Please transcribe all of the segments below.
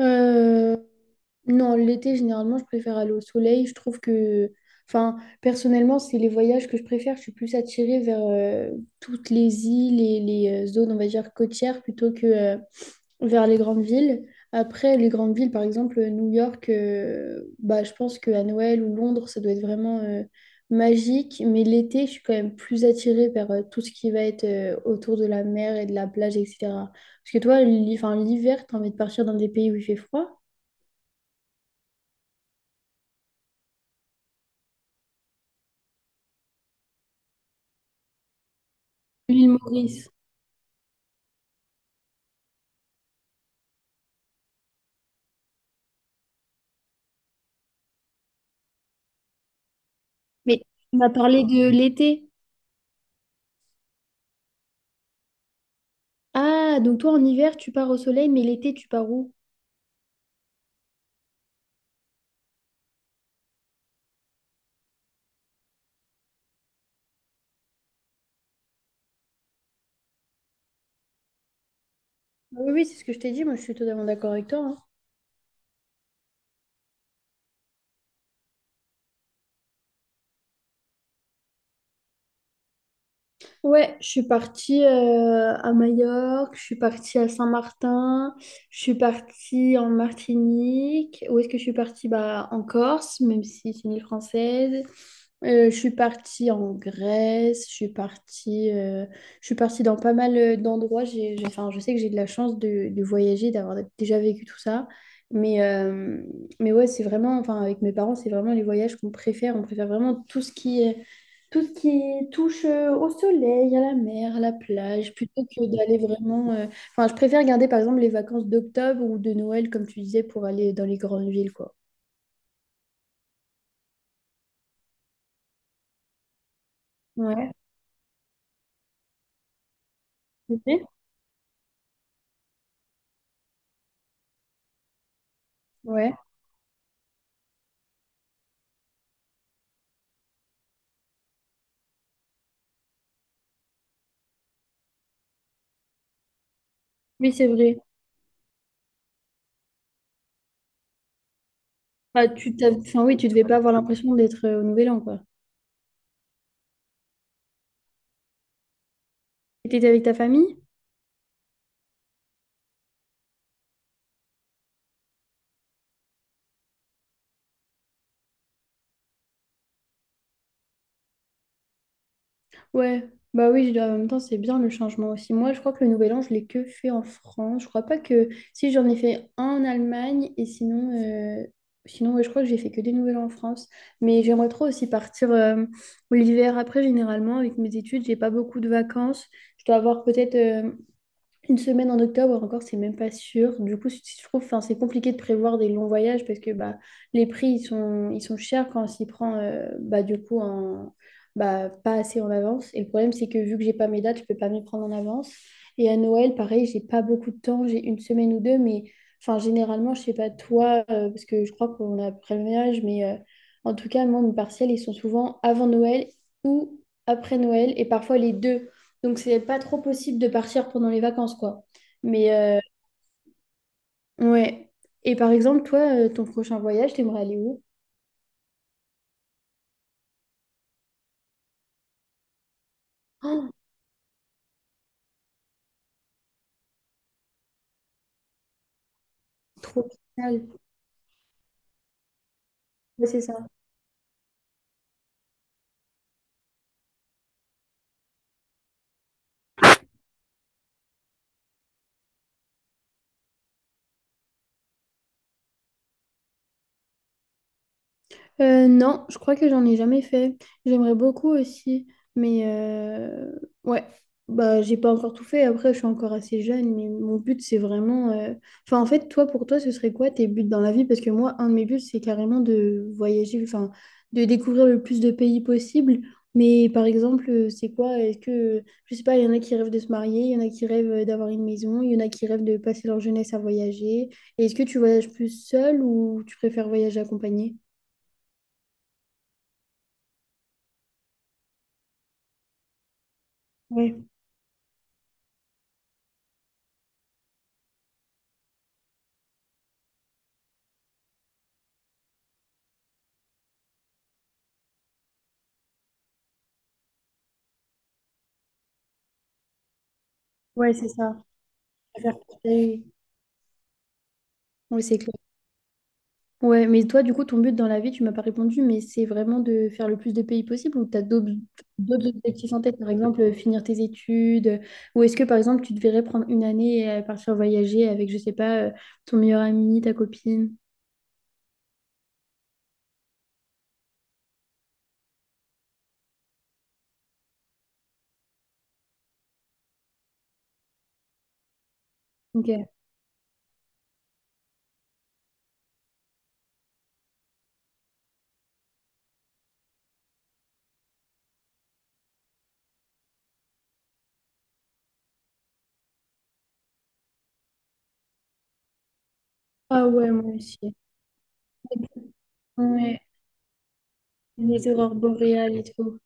Euh, non, l'été, généralement, je préfère aller au soleil. Je trouve que, enfin, personnellement, c'est les voyages que je préfère. Je suis plus attirée vers toutes les îles et les zones, on va dire, côtières plutôt que vers les grandes villes. Après, les grandes villes, par exemple, New York, bah, je pense qu'à Noël ou Londres, ça doit être vraiment magique. Mais l'été, je suis quand même plus attirée vers tout ce qui va être autour de la mer et de la plage, etc. Parce que toi, enfin, l'hiver, t'as envie de partir dans des pays où il fait froid. L'île Maurice. Mais tu m'as parlé de l'été. Ah, donc toi en hiver, tu pars au soleil, mais l'été, tu pars où? Oui, oui, c'est ce que je t'ai dit, moi je suis totalement d'accord avec toi, hein. Ouais, je suis partie à Majorque, je suis partie à Saint-Martin, je suis partie en Martinique. Où est-ce que je suis partie? Bah, en Corse, même si c'est une île française. Je suis partie en Grèce, je suis partie dans pas mal d'endroits. Enfin, je sais que j'ai de la chance de voyager, d'avoir déjà vécu tout ça. Mais, euh, mais ouais, c'est vraiment, enfin, avec mes parents, c'est vraiment les voyages qu'on préfère. On préfère vraiment tout ce qui touche au soleil, à la mer, à la plage, plutôt que d'aller vraiment. Enfin, je préfère garder par exemple les vacances d'octobre ou de Noël, comme tu disais, pour aller dans les grandes villes, quoi. Ouais. Ok. Ouais. Oui, c'est vrai. Bah, enfin, oui, tu devais pas avoir l'impression d'être au Nouvel An, quoi. Et t'étais avec ta famille? Ouais. Bah oui, en même temps, c'est bien le changement aussi. Moi, je crois que le Nouvel An, je l'ai que fait en France. Je crois pas que. Si, j'en ai fait un en Allemagne et sinon, Ouais, je crois que j'ai fait que des Nouvel An en France. Mais j'aimerais trop aussi partir l'hiver après, généralement, avec mes études. J'ai pas beaucoup de vacances. Je dois avoir peut-être. Une semaine en octobre encore, c'est même pas sûr. Du coup, je trouve, enfin, c'est compliqué de prévoir des longs voyages parce que bah, les prix ils sont chers quand on s'y prend bah, du coup bah, pas assez en avance. Et le problème, c'est que vu que j'ai pas mes dates, je peux pas m'y prendre en avance. Et à Noël, pareil, j'ai pas beaucoup de temps, j'ai une semaine ou deux, mais enfin, généralement, je sais pas toi, parce que je crois qu'on a à peu près le même âge, mais en tout cas, moi, mes partiels, ils sont souvent avant Noël ou après Noël et parfois les deux. Donc, c'est pas trop possible de partir pendant les vacances, quoi. Mais, ouais. Et par exemple, toi, ton prochain voyage, t'aimerais aller où? Oh, trop génial. Ouais, c'est ça. Non, je crois que j'en ai jamais fait. J'aimerais beaucoup aussi, mais ouais, bah j'ai pas encore tout fait. Après, je suis encore assez jeune, mais mon but c'est vraiment. Enfin, en fait, toi, pour toi, ce serait quoi tes buts dans la vie? Parce que moi, un de mes buts, c'est carrément de voyager, enfin, de découvrir le plus de pays possible. Mais par exemple, c'est quoi? Est-ce que, je sais pas, il y en a qui rêvent de se marier, il y en a qui rêvent d'avoir une maison, il y en a qui rêvent de passer leur jeunesse à voyager. Et est-ce que tu voyages plus seul ou tu préfères voyager accompagné? Ouais, c'est ça. Je préfère partager. Oui, c'est clair. Ouais, mais toi, du coup, ton but dans la vie, tu m'as pas répondu, mais c'est vraiment de faire le plus de pays possible ou tu as d'autres objectifs en tête, par exemple, finir tes études, ou est-ce que, par exemple, tu devrais prendre une année et partir voyager avec, je sais pas, ton meilleur ami, ta copine? Ok. Ah ouais, moi aussi. Ouais, les aurores boréales et tout.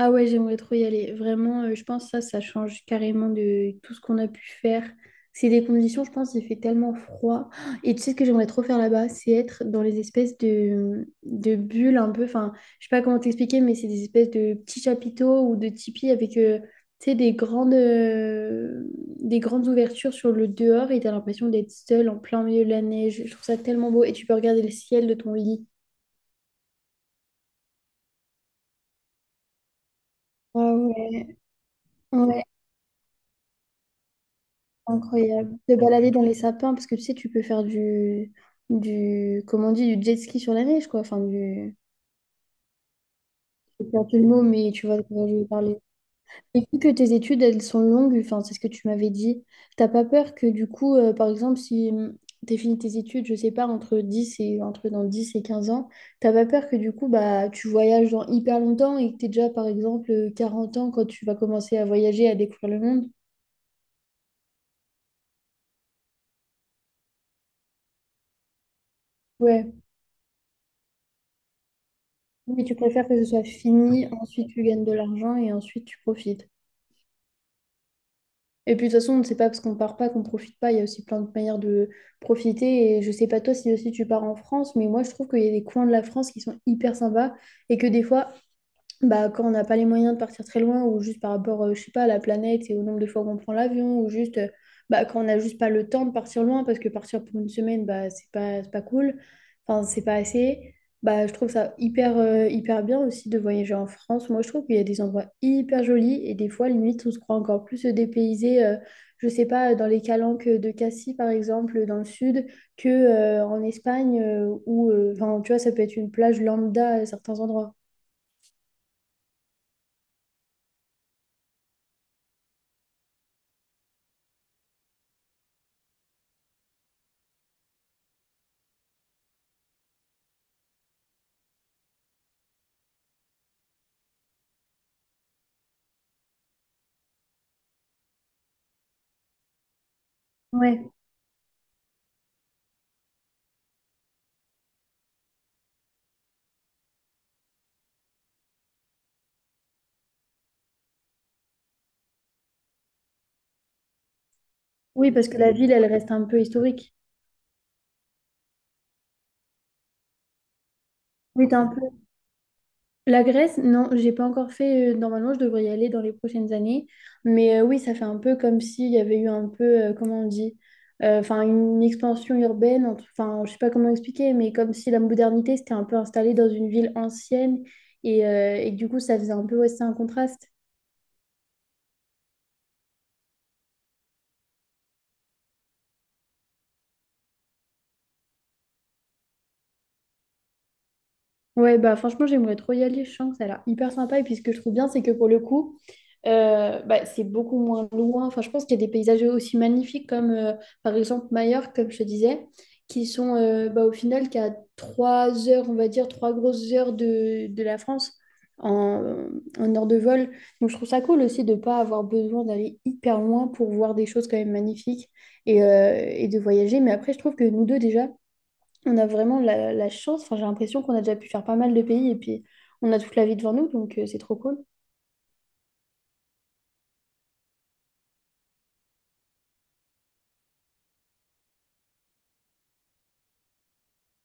Ah ouais, j'aimerais trop y aller. Vraiment, je pense que ça change carrément de tout ce qu'on a pu faire. C'est des conditions, je pense, il fait tellement froid. Et tu sais ce que j'aimerais trop faire là-bas, c'est être dans les espèces de bulles un peu. Enfin, je sais pas comment t'expliquer, mais c'est des espèces de petits chapiteaux ou de tipis avec, tu sais, des grandes ouvertures sur le dehors et t'as l'impression d'être seul en plein milieu de la neige. Je trouve ça tellement beau et tu peux regarder le ciel de ton lit. Ah ouais. Ouais. Incroyable. De balader dans les sapins, parce que tu sais, tu peux faire comment on dit, du jet ski sur la neige, quoi. Enfin, je sais pas le mot, mais tu vois de quoi je veux parler. Et vu que tes études, elles sont longues, enfin, c'est ce que tu m'avais dit, t'as pas peur que du coup, par exemple, si tu as fini tes études, je sais pas, entre dans 10 et 15 ans, t'as pas peur que du coup, bah, tu voyages dans hyper longtemps et que t'es déjà, par exemple, 40 ans quand tu vas commencer à voyager, à découvrir le monde? Oui, mais tu préfères que ce soit fini, ensuite tu gagnes de l'argent et ensuite tu profites. Et puis de toute façon, on ne sait pas parce qu'on part pas qu'on profite pas. Il y a aussi plein de manières de profiter. Et je sais pas toi si aussi tu pars en France, mais moi je trouve qu'il y a des coins de la France qui sont hyper sympas et que des fois, bah, quand on n'a pas les moyens de partir très loin, ou juste par rapport, je sais pas, à la planète et au nombre de fois qu'on prend l'avion, ou juste bah, quand on n'a juste pas le temps de partir loin, parce que partir pour une semaine, bah, c'est pas cool, enfin, c'est pas assez. Bah, je trouve ça hyper bien aussi de voyager en France. Moi, je trouve qu'il y a des endroits hyper jolis et des fois, limite, on se croit encore plus dépaysé, je sais pas, dans les calanques de Cassis, par exemple, dans le sud, que, en Espagne, où, enfin, tu vois, ça peut être une plage lambda à certains endroits. Ouais. Oui, parce que la ville, elle reste un peu historique. Oui, t'as un peu. La Grèce, non, j'ai pas encore fait. Normalement, je devrais y aller dans les prochaines années. Mais oui, ça fait un peu comme s'il y avait eu un peu, comment on dit, enfin, une expansion urbaine. Enfin, je sais pas comment expliquer, mais comme si la modernité s'était un peu installée dans une ville ancienne et que du coup, ça faisait un peu, ouais, c'est un contraste. Ouais, bah franchement, j'aimerais trop y aller. Je sens que ça a l'air hyper sympa. Et puis, ce que je trouve bien, c'est que pour le coup, bah, c'est beaucoup moins loin. Enfin, je pense qu'il y a des paysages aussi magnifiques comme, par exemple, Majorque, comme je te disais, qui sont bah, au final qu'à 3 heures, on va dire, 3 grosses heures de la France en, en heure de vol. Donc, je trouve ça cool aussi de ne pas avoir besoin d'aller hyper loin pour voir des choses quand même magnifiques et de voyager. Mais après, je trouve que nous deux, déjà, on a vraiment la chance. Enfin, j'ai l'impression qu'on a déjà pu faire pas mal de pays et puis on a toute la vie devant nous, donc c'est trop cool.